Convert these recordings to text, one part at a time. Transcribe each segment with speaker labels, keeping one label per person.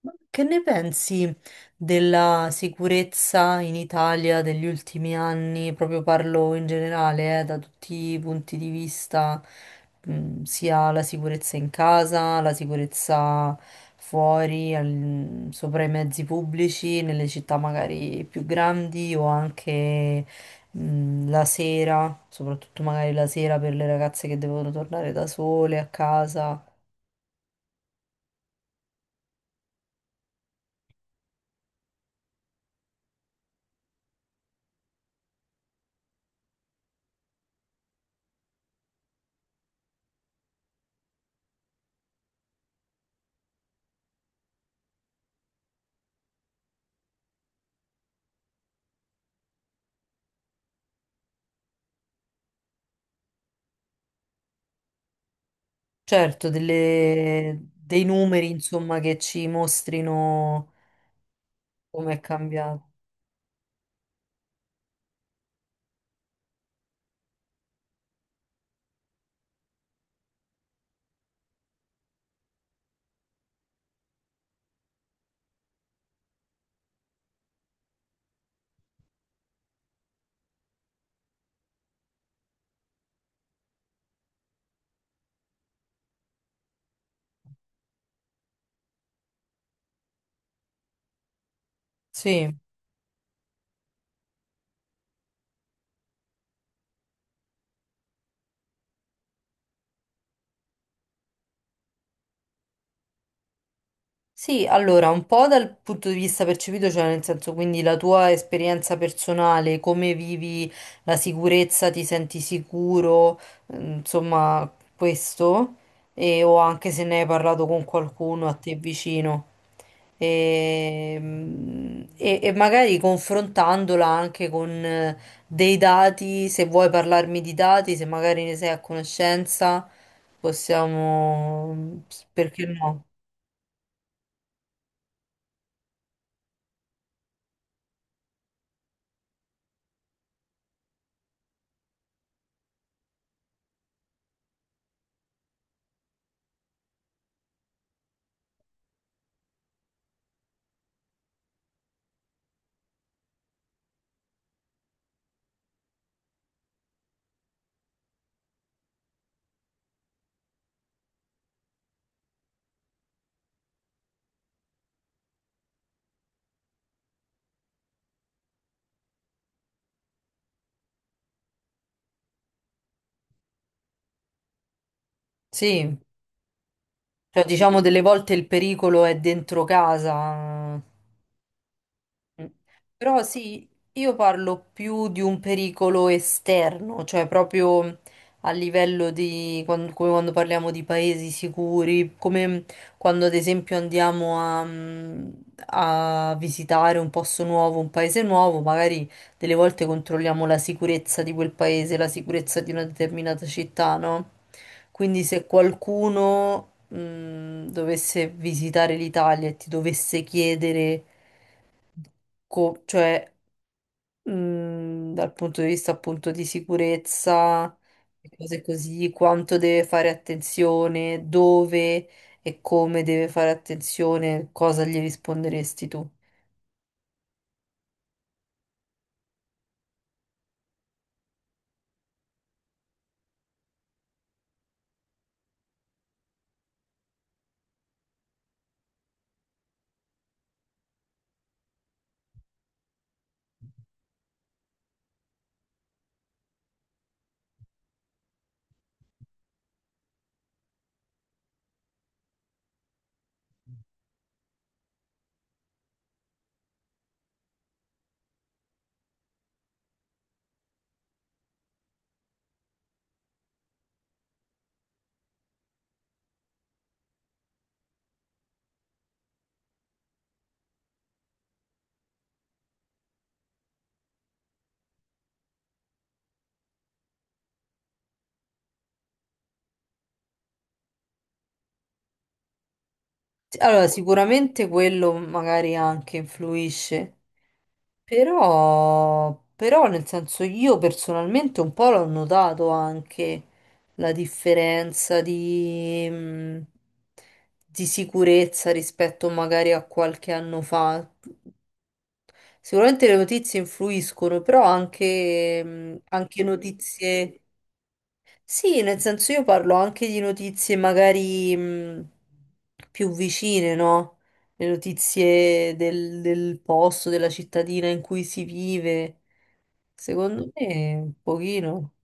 Speaker 1: Ma che ne pensi della sicurezza in Italia degli ultimi anni? Proprio parlo in generale, da tutti i punti di vista, sia la sicurezza in casa, la sicurezza fuori, sopra i mezzi pubblici, nelle città magari più grandi o anche, la sera, soprattutto magari la sera per le ragazze che devono tornare da sole a casa. Certo, dei numeri, insomma, che ci mostrino come è cambiato. Sì, sì, allora, un po' dal punto di vista percepito, cioè nel senso, quindi la tua esperienza personale, come vivi la sicurezza, ti senti sicuro, mm, insomma, questo, e, o anche se ne hai parlato con qualcuno a te vicino. E, e magari confrontandola anche con dei dati, se vuoi parlarmi di dati, se magari ne sei a conoscenza, possiamo, perché no? Sì. Cioè, diciamo, delle volte il pericolo è dentro casa. Mm. Però sì, io parlo più di un pericolo esterno, cioè proprio a livello di come quando parliamo di paesi sicuri, come quando ad esempio andiamo a, a visitare un posto nuovo, un paese nuovo, magari delle volte controlliamo la sicurezza di quel paese, la sicurezza di una determinata città, no? Quindi se qualcuno, dovesse visitare l'Italia e ti dovesse chiedere cioè dal punto di vista appunto di sicurezza e cose così, quanto deve fare attenzione, dove e come deve fare attenzione, cosa gli risponderesti tu? Sì, allora, sicuramente quello magari anche influisce, però, però nel senso io personalmente un po' l'ho notato anche la differenza di sicurezza rispetto magari a qualche anno fa. Sicuramente le notizie influiscono, però anche, anche notizie. Sì, nel senso io parlo anche di notizie magari più vicine, no? Le notizie del, del posto, della cittadina in cui si vive. Secondo me, un pochino.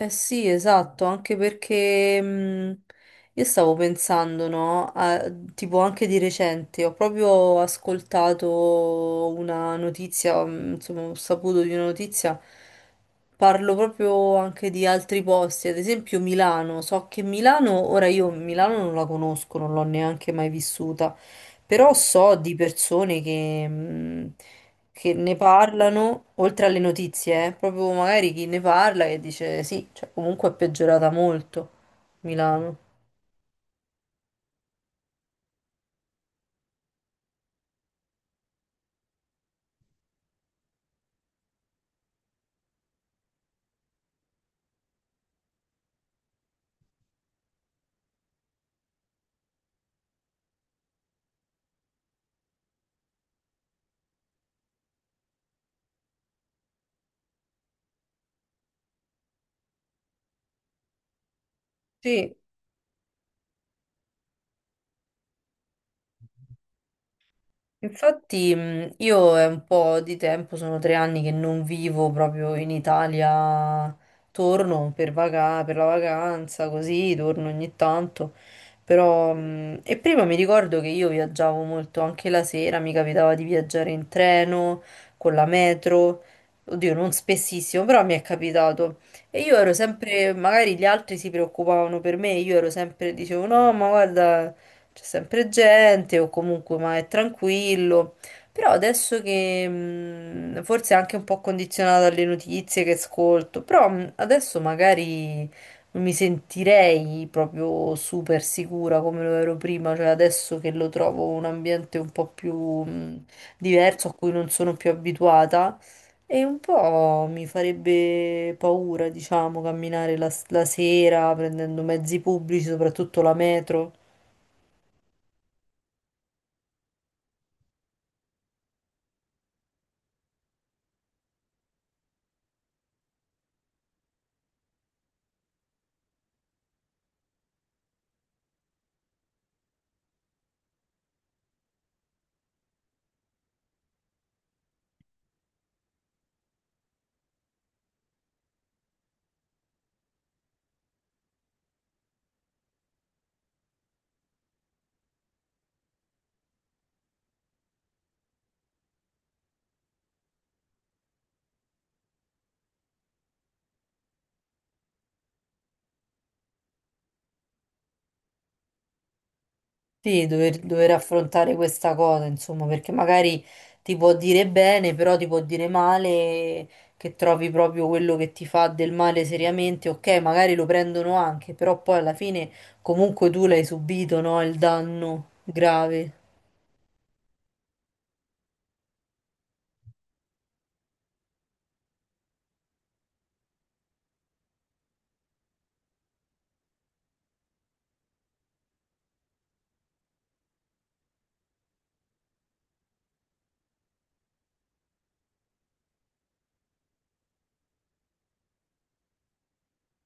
Speaker 1: Eh sì, esatto, anche perché io stavo pensando, no? Tipo anche di recente, ho proprio ascoltato una notizia, insomma, ho saputo di una notizia, parlo proprio anche di altri posti, ad esempio Milano, so che Milano, ora io Milano non la conosco, non l'ho neanche mai vissuta, però so di persone che ne parlano, oltre alle notizie, proprio magari chi ne parla e dice sì, cioè, comunque è peggiorata molto Milano. Sì, infatti, io è un po' di tempo, sono tre anni che non vivo proprio in Italia, torno per per la vacanza, così torno ogni tanto. Però, e prima mi ricordo che io viaggiavo molto anche la sera, mi capitava di viaggiare in treno, con la metro, oddio, non spessissimo, però mi è capitato. E io ero sempre, magari gli altri si preoccupavano per me, io ero sempre, dicevo no, ma guarda c'è sempre gente o comunque ma è tranquillo. Però adesso che forse anche un po' condizionata dalle notizie che ascolto, però adesso magari non mi sentirei proprio super sicura come lo ero prima, cioè adesso che lo trovo un ambiente un po' più mh, diverso a cui non sono più abituata e un po' mi farebbe paura, diciamo, camminare la sera prendendo mezzi pubblici, soprattutto la metro. Sì, dover affrontare questa cosa, insomma, perché magari ti può dire bene, però ti può dire male, che trovi proprio quello che ti fa del male seriamente. Ok, magari lo prendono anche, però poi alla fine comunque tu l'hai subito, no? Il danno grave.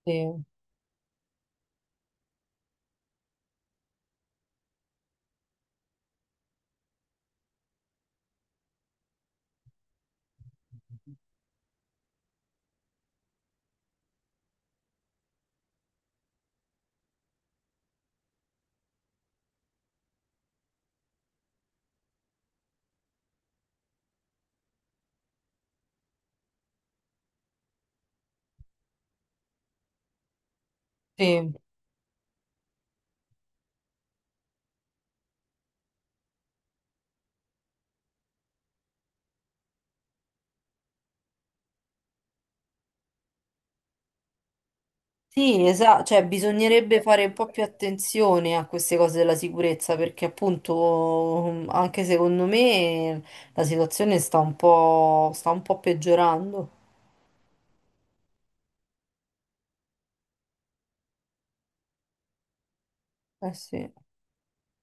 Speaker 1: Sì, sì. Sì, esatto, cioè bisognerebbe fare un po' più attenzione a queste cose della sicurezza perché appunto mm, anche secondo me la situazione sta un po' peggiorando. Eh sì.